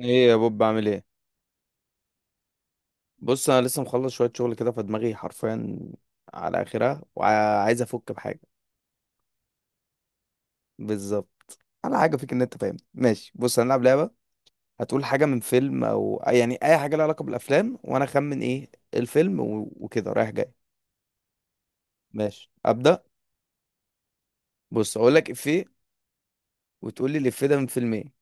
ايه يا بوب، بعمل ايه؟ بص، انا لسه مخلص شويه شغل كده فدماغي حرفيا على اخرها، وعايز افك بحاجه. بالظبط. على حاجه فيك ان انت فاهم، ماشي؟ بص هنلعب لعبه. هتقول حاجه من فيلم او يعني اي حاجه لها علاقه بالافلام، وانا اخمن ايه الفيلم، وكده رايح جاي. ماشي، ابدا. بص، اقول لك افيه. وتقول لي الافيه ده من فيلم ايه.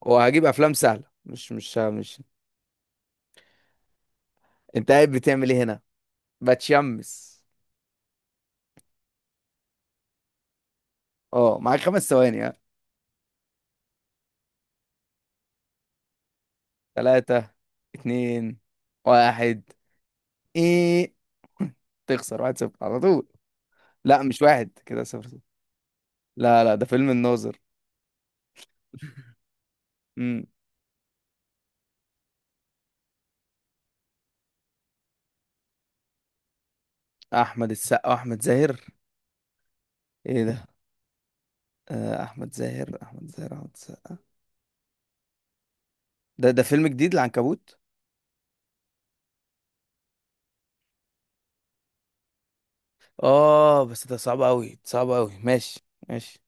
وهجيب افلام سهله، مش. انت قاعد بتعمل ايه هنا، بتشمس؟ اه، معاك خمس ثواني، ها. ثلاثة. اتنين. واحد. ايه. تخسر واحد صفر على طول. لا، مش واحد كده، صفر صفر. لا لا، ده فيلم الناظر. امم. احمد السقا، احمد زاهر. ايه ده؟ آه، احمد زاهر، احمد زاهر، احمد السقا. ده فيلم جديد، العنكبوت. اه بس ده صعب قوي صعب قوي، ماشي ماشي.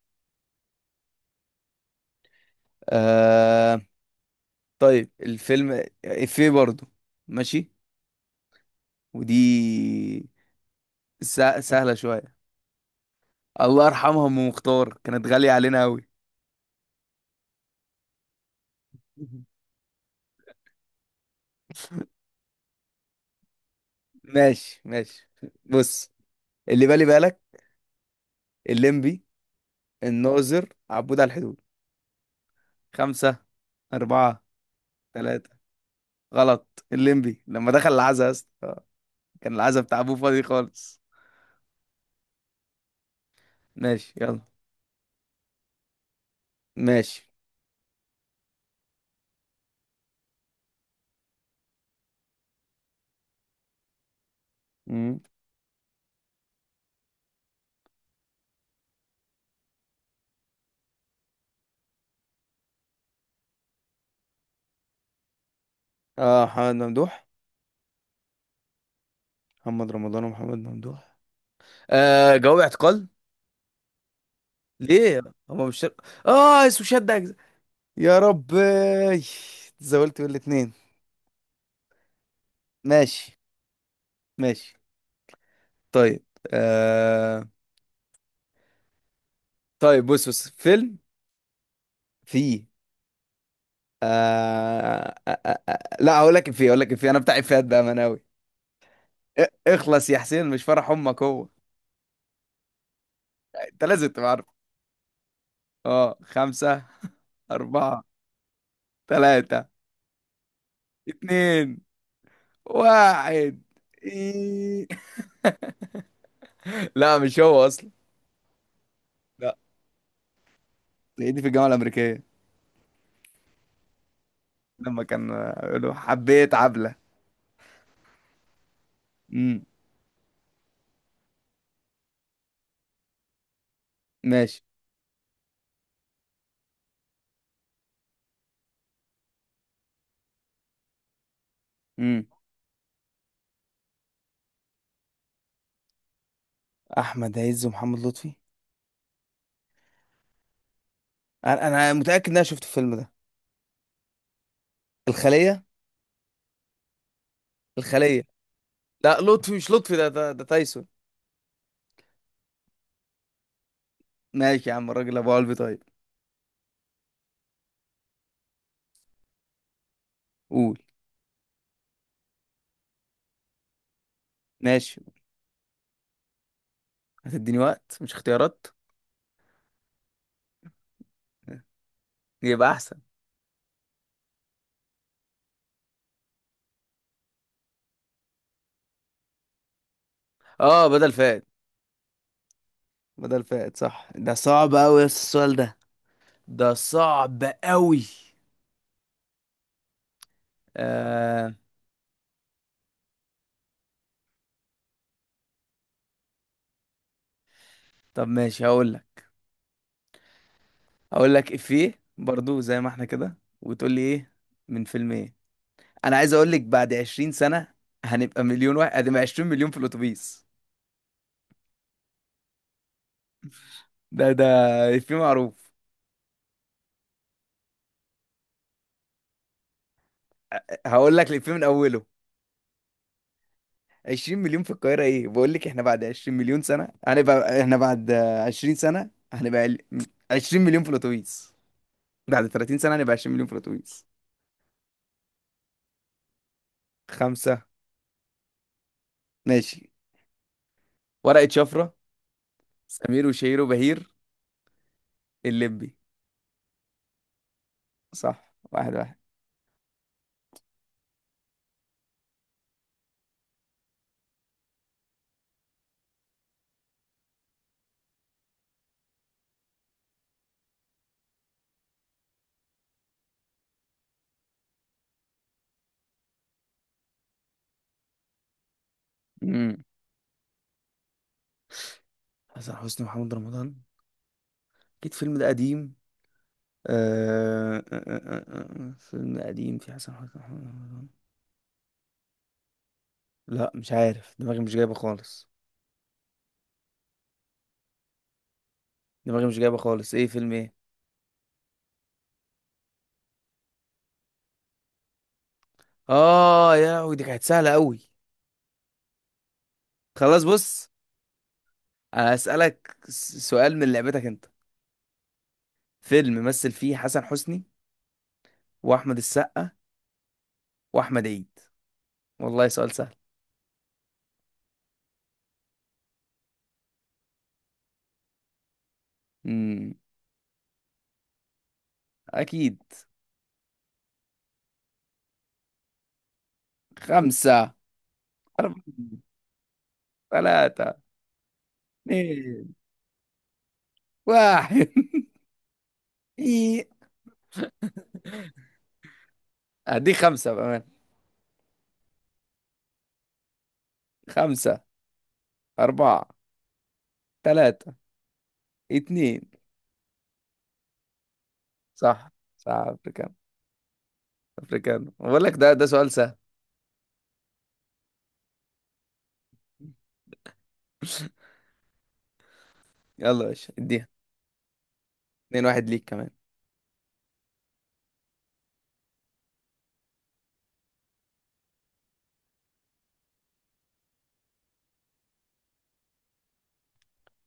آه. طيب، الفيلم افيه برضو. ماشي. ودي سهلة شوية. الله يرحمها، ام مختار كانت غالية علينا قوي. ماشي ماشي. بص. اللي بالي بالك. الليمبي. الناظر، عبود على الحدود. خمسة. أربعة. ثلاثة. غلط، الليمبي لما دخل العزا يا اسطى، كان العزا بتاع أبوه فاضي خالص. ماشي، يلا. ماشي. مم. اه، محمد ممدوح. محمد رمضان ومحمد ممدوح. آه، جواب اعتقال. ليه؟ هما مش. اه، اسمه شد أجزاء. يا رب. تزولت بالاتنين. ماشي ماشي. طيب، آه... طيب، بص بص فيلم. فيه. لا، هقول لك إفيه، هقول لك إفيه، أنا بتاع إفيهات بأمانة أوي. اخلص يا حسين، مش فرح أمك هو. أنت لازم تبقى عارف. أه، خمسة أربعة. ثلاثة. اتنين. واحد إيه. لا، مش هو أصلا. لا. هي دي في الجامعة الأمريكية. لما كان يقولوا حبيت عبلة. امم. ماشي. امم. أحمد عز ومحمد لطفي. أنا متأكد إن أنا شفت الفيلم ده. الخلية. الخلية. لا، لطفي مش لطفي، ده تايسون. ماشي يا عم، الراجل ابو قلبي طيب. قول. ماشي. هتديني وقت مش اختيارات؟ يبقى احسن. اه، بدل فائد. بدل فائد صح. ده صعب قوي السؤال ده. ده صعب قوي. آه... طب ماشي، هقول لك. هقول لك افيه برضو، زي ما احنا كده، وتقول لي ايه. من فيلم ايه. انا عايز اقول لك، بعد 20 سنة هنبقى مليون واحد ادي 20 مليون في الاتوبيس. ده افيه معروف. هقول لك الافيه من اوله. 20 مليون في القاهرة، ايه بقول لك، احنا بعد 20 مليون سنة هنبقى، احنا بعد 20 سنة هنبقى 20 مليون في الاتوبيس. بعد 30 سنة هنبقى 20 مليون في الاتوبيس. خمسة. ماشي. ورقة شفرة. سمير وشهير وبهير. الليمبي. صح، واحد واحد. امم. حسن حسني ومحمد رمضان. اكيد الفيلم ده قديم. أه... أه... أه... أه... أه، فيلم قديم في حسن حسني ومحمد رمضان. لا، مش عارف، دماغي مش جايبة خالص. دماغي مش جايبة خالص، ايه فيلم ايه. اه يا لهوي، دي كانت سهلة قوي. خلاص، بص. هسألك سؤال من لعبتك انت. فيلم مثل فيه حسن حسني واحمد السقا واحمد عيد. والله سؤال سهل. امم. اكيد. خمسة. أربعة. ثلاثة. اثنين. واحد إيه. هديك خمسة بأمان. خمسة. أربعة. ثلاثة. اثنين. صح. صح، أفريكان. أفريكان بقول لك، ده سؤال سهل. يلا يا باشا، اديها. اتنين، واحد ليك كمان.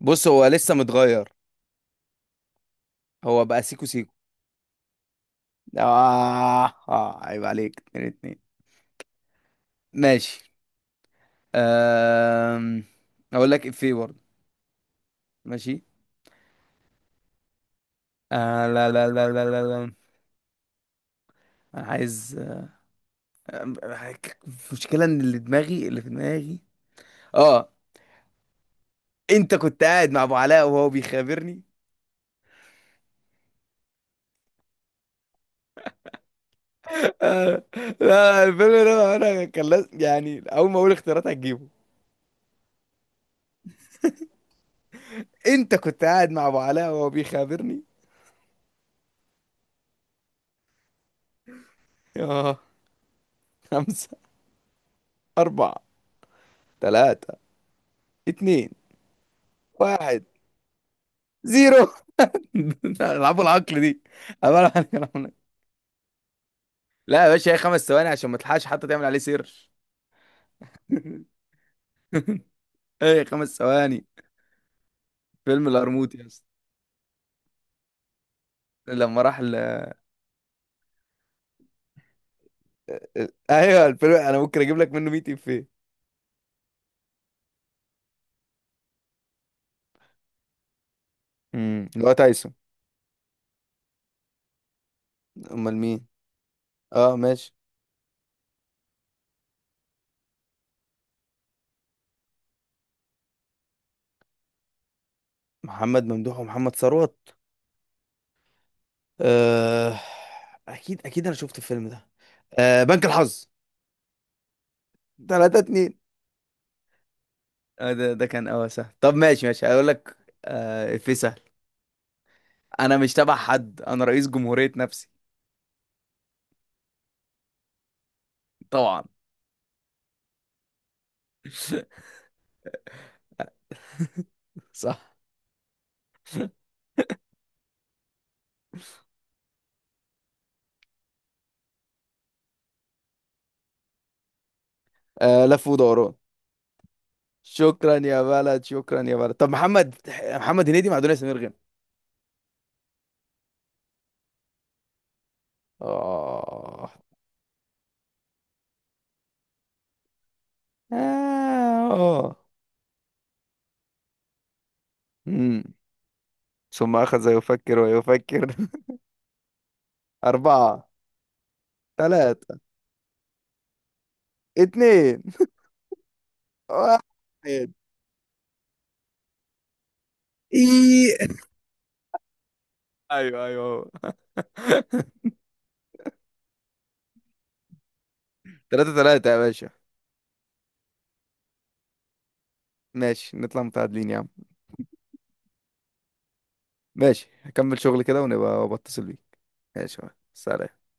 بص، هو لسه متغير. هو بقى سيكو سيكو. عيب عليك، اتنين اتنين. ماشي. أم... أقول لك إفيه برضه. ماشي. آه، لا لا لا لا لا لا. أنا عايز أم- المشكلة إن اللي في دماغي. آه. أنت كنت قاعد مع أبو علاء وهو بيخابرني. آه. لا، الفيلم ده أنا كان يعني أول ما أقول اختيارات هتجيبه. أنت كنت قاعد مع أبو علاء وهو بيخابرني. آه. خمسة. أربعة. تلاتة. اتنين. واحد. زيرو. العبوا العقل دي، عبارة عن كلام ناقص. لا يا باشا، هي خمس ثواني عشان ما تلحقش حتى تعمل عليه سيرش. ايه، خمس ثواني. فيلم القرموط يا اسطى. لما راح. ايوه الفيلم انا ممكن اجيب لك منه 100 افيه. امم، اللي هو تايسون. امال مين؟ اه، ماشي. محمد ممدوح ومحمد ثروت. آه... اكيد اكيد، انا شفت الفيلم ده. بنك الحظ، 3-2. ده كان اه سهل. طب، ماشي ماشي، هقول لك. افيه سهل. انا مش تبع حد، انا رئيس جمهورية نفسي. طبعا. صح. آه، لف ودوران. شكرا يا بلد، شكرا يا بلد. طب محمد، محمد هنيدي مع دنيا سمير غانم. اه. اه. امم. ثم أخذ يفكر ويفكر. أربعة. ثلاثة. اتنين. واحد. إيه. أيوه أيوه. ثلاثة ثلاثة يا باشا. ماشي، نطلع متعادلين يا عم. ماشي، هكمل شغل كده ونبقى بتصل بيك. ماشي. سلام.